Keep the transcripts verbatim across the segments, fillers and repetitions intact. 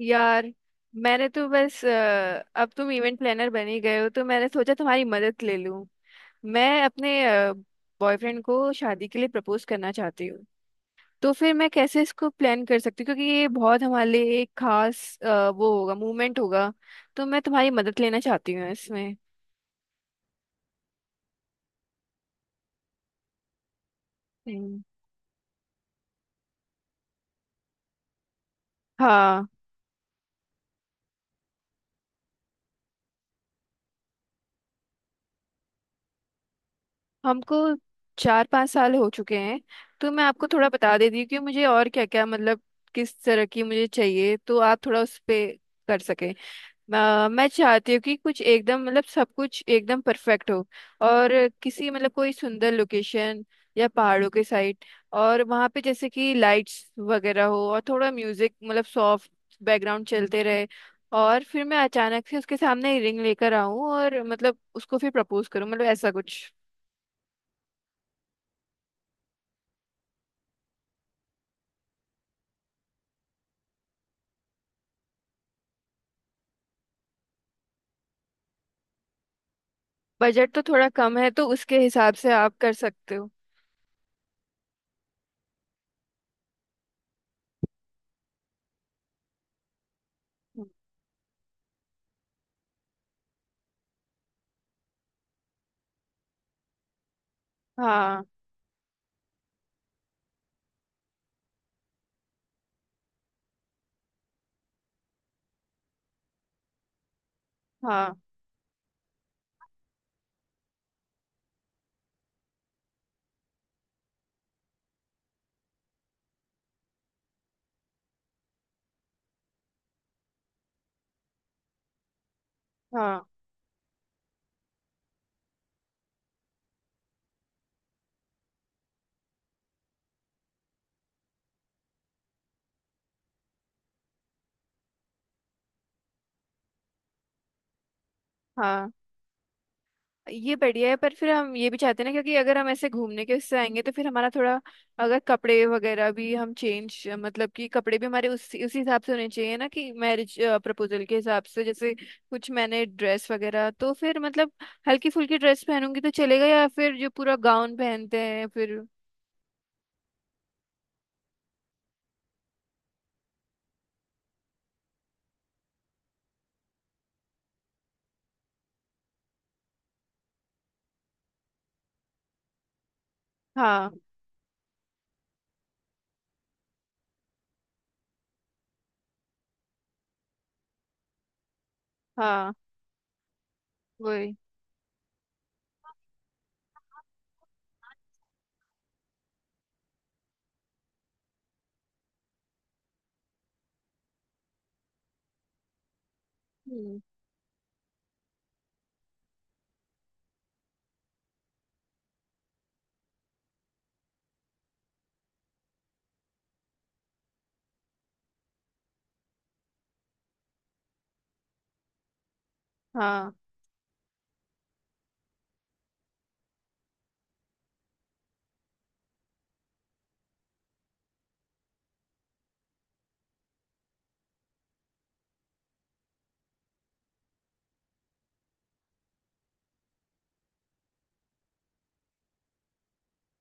यार, मैंने तो बस अ, अब तुम इवेंट प्लानर बन ही गए हो, तो मैंने सोचा तुम्हारी मदद ले लूं। मैं अपने बॉयफ्रेंड को शादी के लिए प्रपोज करना चाहती हूँ। तो फिर मैं कैसे इसको प्लान कर सकती हूँ, क्योंकि ये बहुत हमारे लिए एक खास अ, वो होगा, मूवमेंट होगा। तो मैं तुम्हारी मदद लेना चाहती हूँ इसमें। हम्म। हाँ, हमको चार पाँच साल हो चुके हैं। तो मैं आपको थोड़ा बता देती हूँ कि मुझे और क्या क्या, मतलब किस तरह की मुझे चाहिए, तो आप थोड़ा उस पे कर सकें। अ, मैं चाहती हूँ कि कुछ एकदम, मतलब सब कुछ एकदम परफेक्ट हो। और किसी, मतलब कोई सुंदर लोकेशन या पहाड़ों के साइड, और वहाँ पे जैसे कि लाइट्स वगैरह हो और थोड़ा म्यूजिक, मतलब सॉफ्ट बैकग्राउंड चलते रहे। और फिर मैं अचानक से उसके सामने रिंग लेकर आऊं और मतलब उसको फिर प्रपोज करूं, मतलब ऐसा कुछ। बजट तो थोड़ा कम है, तो उसके हिसाब से आप कर सकते हो। हाँ। हाँ। हाँ। हाँ, ये बढ़िया है, पर फिर हम ये भी चाहते हैं ना, क्योंकि अगर हम ऐसे घूमने के उससे आएंगे तो फिर हमारा थोड़ा, अगर कपड़े वगैरह भी हम चेंज, मतलब कि कपड़े भी हमारे उसी उसी हिसाब से होने चाहिए ना, कि मैरिज प्रपोजल के हिसाब से, जैसे कुछ मैंने ड्रेस वगैरह, तो फिर मतलब हल्की फुल्की ड्रेस पहनूंगी तो चलेगा, या फिर जो पूरा गाउन पहनते हैं फिर। हाँ। हाँ। वही। हम्म। हाँ।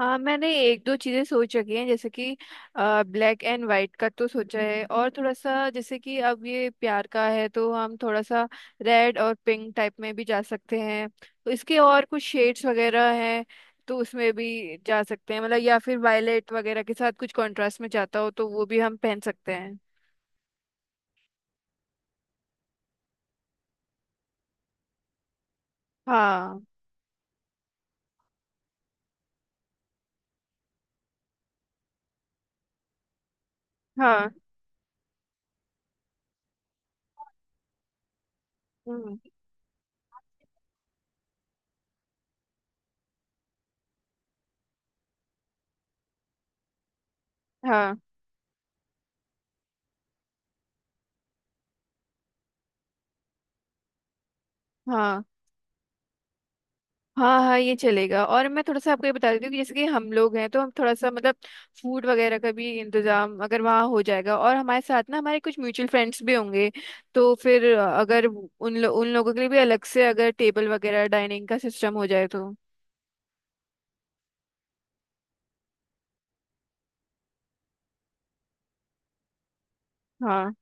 हाँ, मैंने एक दो चीजें सोच रखी हैं, जैसे कि ब्लैक एंड वाइट का तो सोचा है, और थोड़ा सा जैसे कि अब ये प्यार का है तो हम थोड़ा सा रेड और पिंक टाइप में भी जा सकते हैं। तो इसके और कुछ शेड्स वगैरह हैं, तो उसमें भी जा सकते हैं, मतलब या फिर वायलेट वगैरह के साथ कुछ कंट्रास्ट में जाता हो तो वो भी हम पहन सकते हैं। हाँ। हाँ। हम्म। हाँ। हाँ। हाँ, हाँ, ये चलेगा। और मैं थोड़ा सा आपको ये बता देती हूँ कि जैसे कि हम लोग हैं तो हम थोड़ा सा, मतलब फूड वगैरह का भी इंतजाम अगर वहाँ हो जाएगा, और हमारे साथ ना हमारे कुछ म्यूचुअल फ्रेंड्स भी होंगे। तो फिर अगर उन लो, उन लोगों के लिए भी अलग से अगर टेबल वगैरह डाइनिंग का सिस्टम हो जाए तो। हाँ।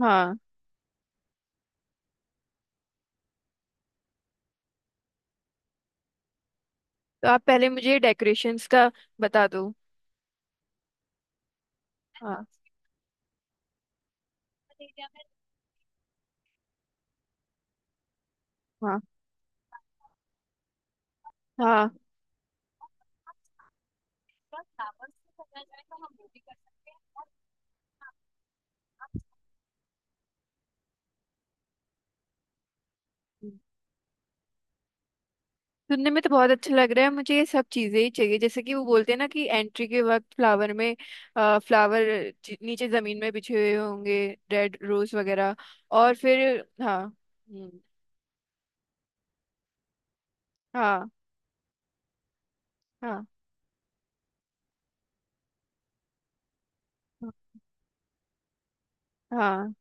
हाँ। तो आप पहले मुझे डेकोरेशंस का बता दो। हाँ। हाँ। हाँ, सुनने में तो बहुत अच्छा लग रहा है। मुझे ये सब चीजें ही चाहिए, जैसे कि वो बोलते हैं ना कि एंट्री के वक्त फ्लावर में, आ, फ्लावर ज- नीचे जमीन में बिछे हुए होंगे, रेड रोज वगैरह। और फिर हाँ। हम्म। हाँ। हाँ। हाँ।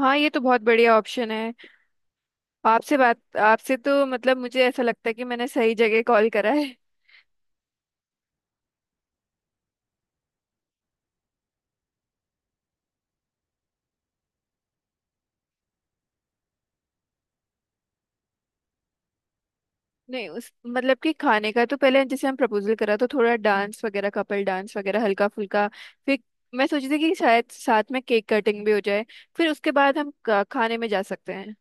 हाँ, ये तो बहुत बढ़िया ऑप्शन है। आपसे बात, आपसे तो मतलब मुझे ऐसा लगता है कि मैंने सही जगह कॉल करा है। नहीं, उस मतलब कि खाने का तो पहले, जैसे हम प्रपोजल करा तो थोड़ा डांस वगैरह, कपल डांस वगैरह हल्का फुल्का, फिर मैं सोची थी कि शायद साथ में केक कटिंग भी हो जाए, फिर उसके बाद हम का- खाने में जा सकते हैं।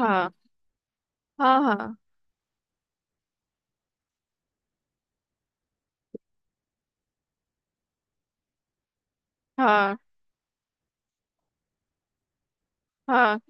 हाँ। हाँ। हाँ। हाँ। हाँ।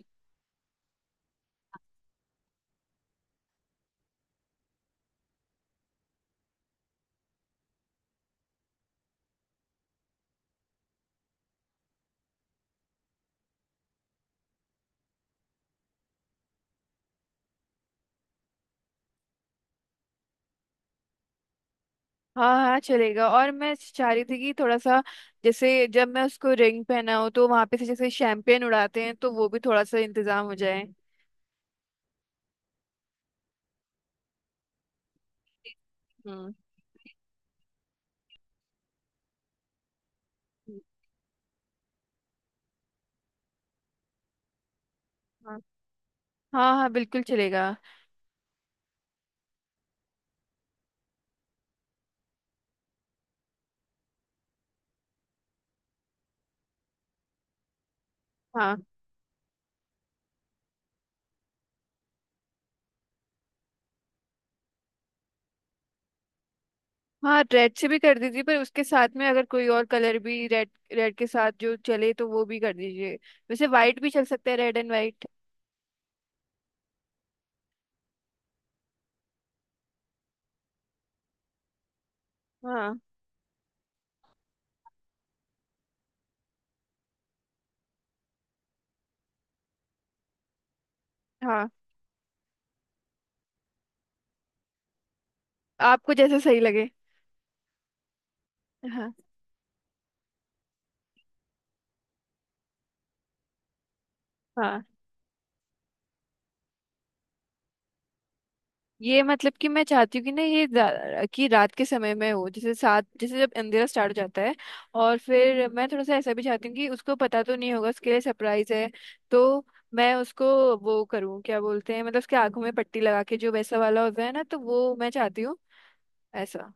हाँ, हाँ चलेगा। और मैं चाह रही थी कि थोड़ा सा, जैसे जब मैं उसको रिंग पहनाऊँ तो वहां पे से जैसे शैम्पेन उड़ाते हैं, तो वो भी थोड़ा सा इंतजाम हो जाए। हम्म। हाँ। हाँ, हाँ बिल्कुल चलेगा। हाँ, हाँ रेड से भी कर दीजिए, पर उसके साथ में अगर कोई और कलर भी रेड, रेड के साथ जो चले तो वो भी कर दीजिए। वैसे वाइट भी चल सकता है, रेड एंड वाइट। हाँ। हाँ, आपको जैसा सही लगे। हाँ। हाँ, ये मतलब कि मैं चाहती हूँ कि ना ये जा- कि रात के समय में हो, जैसे सात, जैसे जब अंधेरा स्टार्ट हो जाता है। और फिर मैं थोड़ा सा ऐसा भी चाहती हूँ कि उसको पता तो नहीं होगा, उसके लिए सरप्राइज है, तो मैं उसको वो करूँ, क्या बोलते हैं, मतलब उसके आंखों में पट्टी लगा के जो वैसा वाला होता है ना, तो वो मैं चाहती हूँ ऐसा।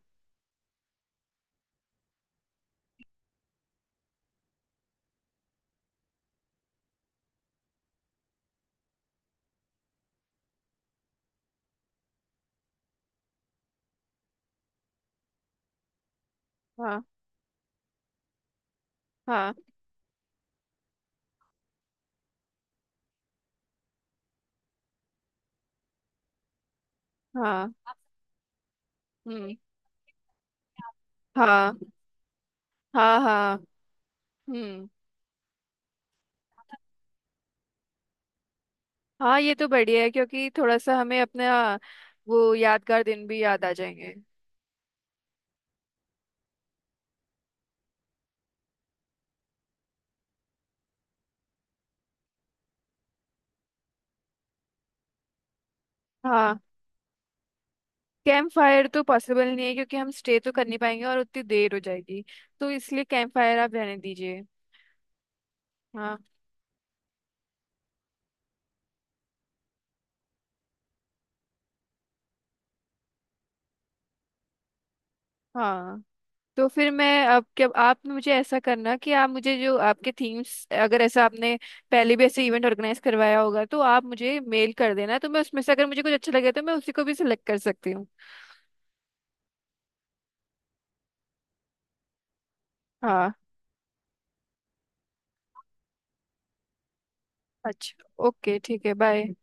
हाँ। हाँ। हम्म। हाँ। हाँ। हाँ। हम्म। हाँ, ये तो बढ़िया है, क्योंकि थोड़ा सा हमें अपना वो यादगार दिन भी याद आ जाएंगे। हाँ, कैंप फायर तो पॉसिबल नहीं है क्योंकि हम स्टे तो कर नहीं पाएंगे और उतनी देर हो जाएगी। तो इसलिए कैंप फायर आप रहने दीजिए। हाँ। हाँ, तो फिर मैं अब क्या, आप मुझे ऐसा करना कि आप मुझे जो आपके थीम्स, अगर ऐसा आपने पहले भी ऐसे इवेंट ऑर्गेनाइज करवाया होगा तो आप मुझे मेल कर देना, तो मैं उसमें से अगर मुझे कुछ अच्छा लगे तो मैं उसी को भी सिलेक्ट कर सकती हूँ। हाँ। अच्छा, ओके ठीक है, बाय।